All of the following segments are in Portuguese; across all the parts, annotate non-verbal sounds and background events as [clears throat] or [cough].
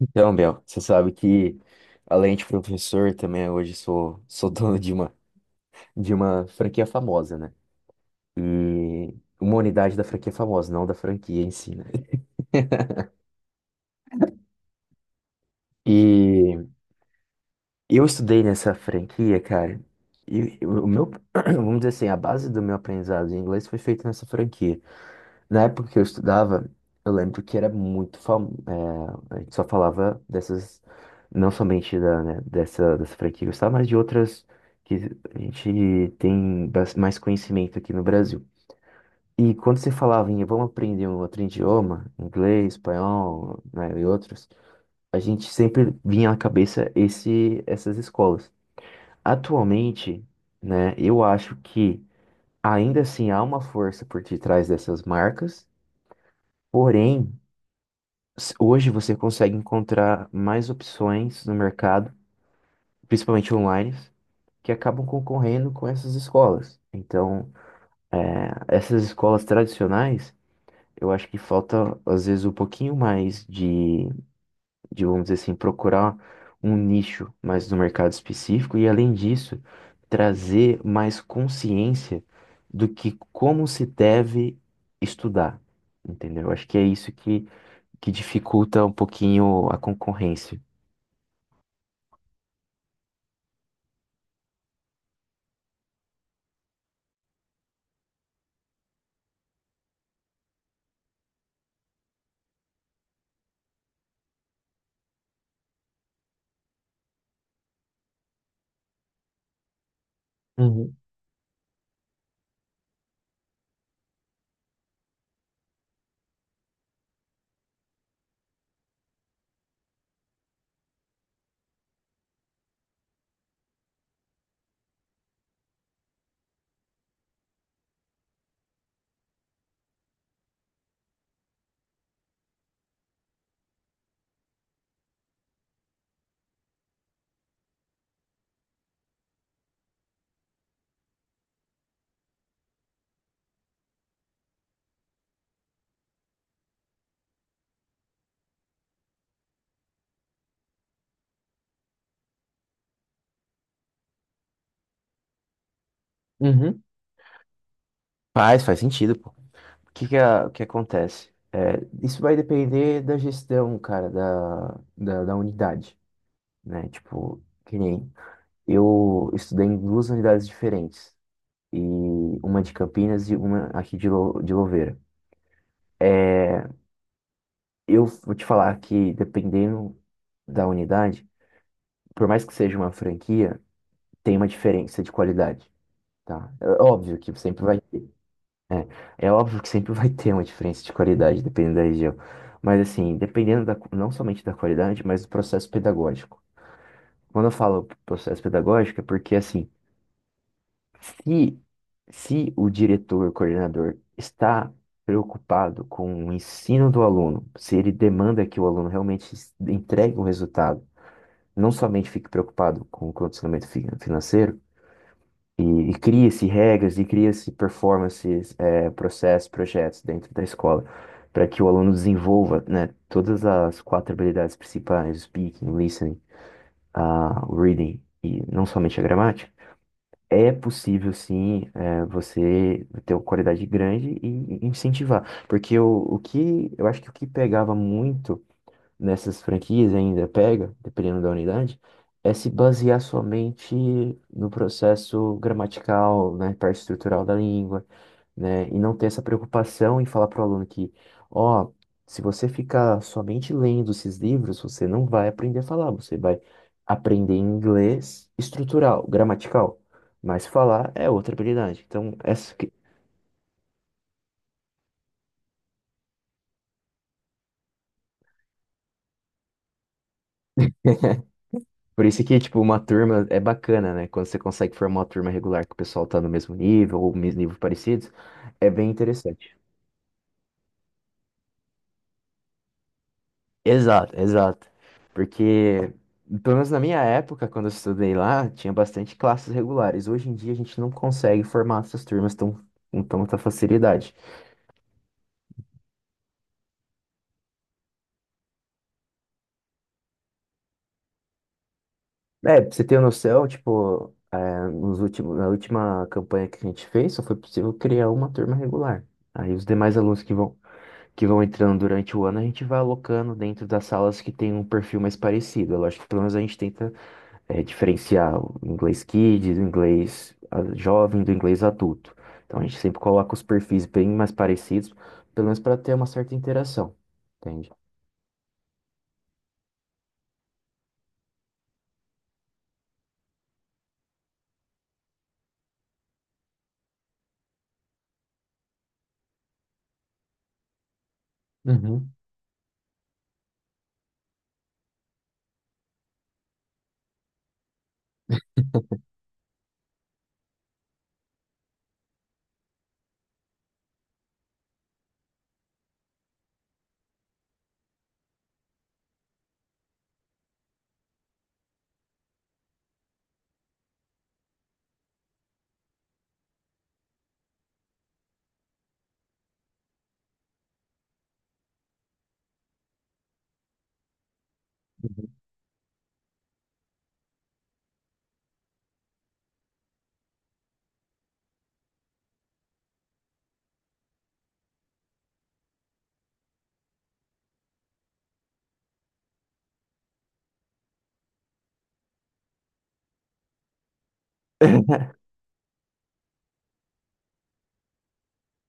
Então, Bel, você sabe que além de professor, também hoje sou dono de uma franquia famosa, né? E uma unidade da franquia famosa, não da franquia em si, né? E eu estudei nessa franquia, cara. E o meu, [clears throat] vamos dizer assim, a base do meu aprendizado em inglês foi feita nessa franquia. Na época que eu estudava, eu lembro que era muito é, a gente só falava dessas, não somente da, né, dessa franquia que eu estava, mas de outras que a gente tem mais conhecimento aqui no Brasil. E quando você falava em vamos aprender um outro idioma, inglês, espanhol, né, e outros, a gente sempre vinha à cabeça essas escolas. Atualmente, né, eu acho que ainda assim há uma força por detrás dessas marcas, porém hoje você consegue encontrar mais opções no mercado, principalmente online, que acabam concorrendo com essas escolas. Então, é, essas escolas tradicionais, eu acho que falta, às vezes, um pouquinho mais de, vamos dizer assim, procurar um nicho mais no mercado específico e, além disso, trazer mais consciência do que como se deve estudar, entendeu? Eu acho que é isso que dificulta um pouquinho a concorrência. Uhum. Uhum. Faz, faz sentido, pô. O que que, o que acontece? É, isso vai depender da gestão, cara, da unidade, né? Tipo, que nem eu estudei em duas unidades diferentes, e uma de Campinas e uma aqui de Louveira. Eu vou te falar que, dependendo da unidade, por mais que seja uma franquia, tem uma diferença de qualidade, tá? É óbvio que sempre vai ter. É, é óbvio que sempre [laughs] vai ter uma diferença de qualidade, dependendo da região. Mas, assim, dependendo da, não somente da qualidade, mas do processo pedagógico. Quando eu falo processo pedagógico, é porque, assim, se, se o diretor, o coordenador, está preocupado com o ensino do aluno, se ele demanda que o aluno realmente entregue um resultado, não somente fique preocupado com o condicionamento financeiro, E, e cria-se regras e cria-se performances, processos, projetos dentro da escola, para que o aluno desenvolva, né, todas as quatro habilidades principais, o speaking, o listening, o reading e não somente a gramática, é possível sim, você ter uma qualidade grande e incentivar. Porque o que, eu acho que o que pegava muito nessas franquias ainda pega, dependendo da unidade, é se basear somente no processo gramatical, na parte estrutural da língua, né? E não ter essa preocupação em falar para o aluno que, ó, se você ficar somente lendo esses livros, você não vai aprender a falar, você vai aprender inglês estrutural, gramatical, mas falar é outra habilidade. Então, essa que [laughs] por isso que, tipo, uma turma é bacana, né? Quando você consegue formar uma turma regular que o pessoal tá no mesmo nível ou mesmo nível parecidos, é bem interessante. Exato, exato. Porque, pelo menos na minha época, quando eu estudei lá, tinha bastante classes regulares. Hoje em dia a gente não consegue formar essas turmas tão, com tanta facilidade. É, pra você ter noção, tipo, na última campanha que a gente fez, só foi possível criar uma turma regular. Aí os demais alunos que vão entrando durante o ano, a gente vai alocando dentro das salas que tem um perfil mais parecido. Eu acho que pelo menos a gente tenta diferenciar o inglês kids, o inglês jovem do inglês adulto. Então a gente sempre coloca os perfis bem mais parecidos, pelo menos para ter uma certa interação, entende? Uhum, [laughs] uhum.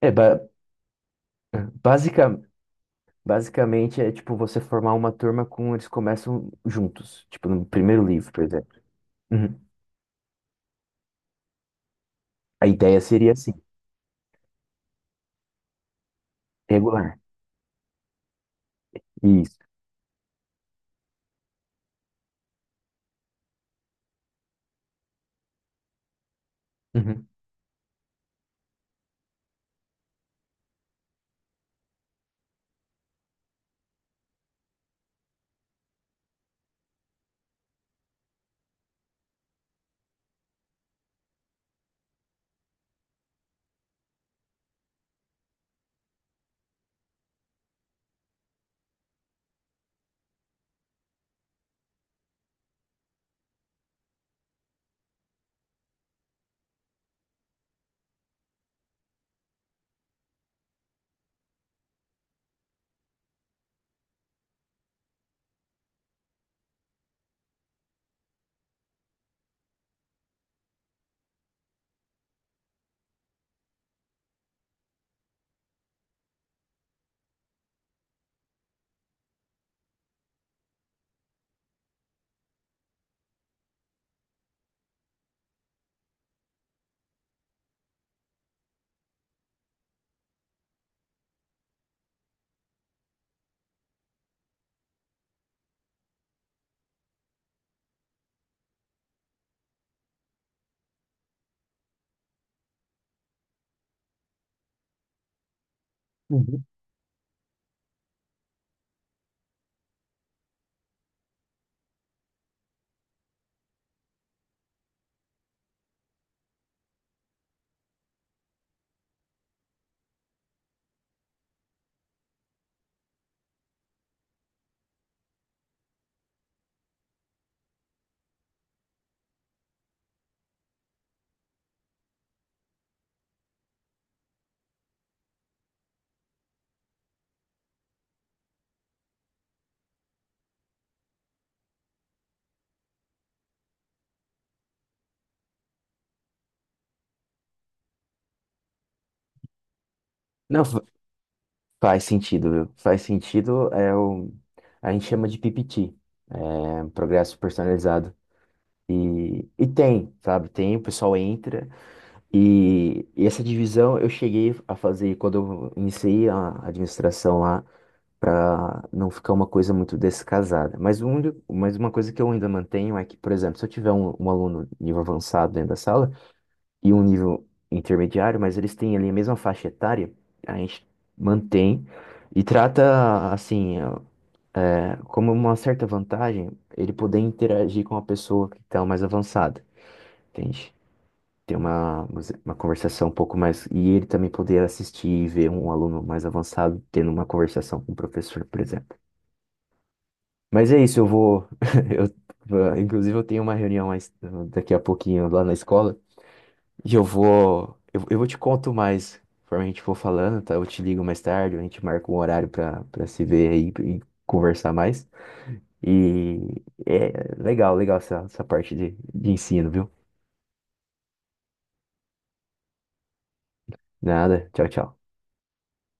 É, basica- basicamente é tipo você formar uma turma com eles começam juntos, tipo no primeiro livro, por exemplo. Uhum. A ideia seria assim, regular. Isso. Uhum. Não, faz sentido, viu? Faz sentido, a gente chama de PPT, é um progresso personalizado. E tem, sabe? Tem, o pessoal entra. E essa divisão eu cheguei a fazer quando eu iniciei a administração lá, para não ficar uma coisa muito descasada. Mas, uma coisa que eu ainda mantenho é que, por exemplo, se eu tiver um, aluno nível avançado dentro da sala, e um nível intermediário, mas eles têm ali a mesma faixa etária, a gente mantém e trata assim, como uma certa vantagem ele poder interagir com a pessoa que está mais avançada, entende? Ter uma conversação um pouco mais. E ele também poder assistir e ver um aluno mais avançado tendo uma conversação com o professor, por exemplo. Mas é isso, eu vou. [laughs] Eu, inclusive, eu tenho uma reunião daqui a pouquinho lá na escola. E eu vou. Eu vou te conto mais. Conforme a gente for falando, tá? Eu te ligo mais tarde, a gente marca um horário pra se ver aí e conversar mais. E é legal, legal essa parte de ensino, viu? Nada. Tchau, tchau.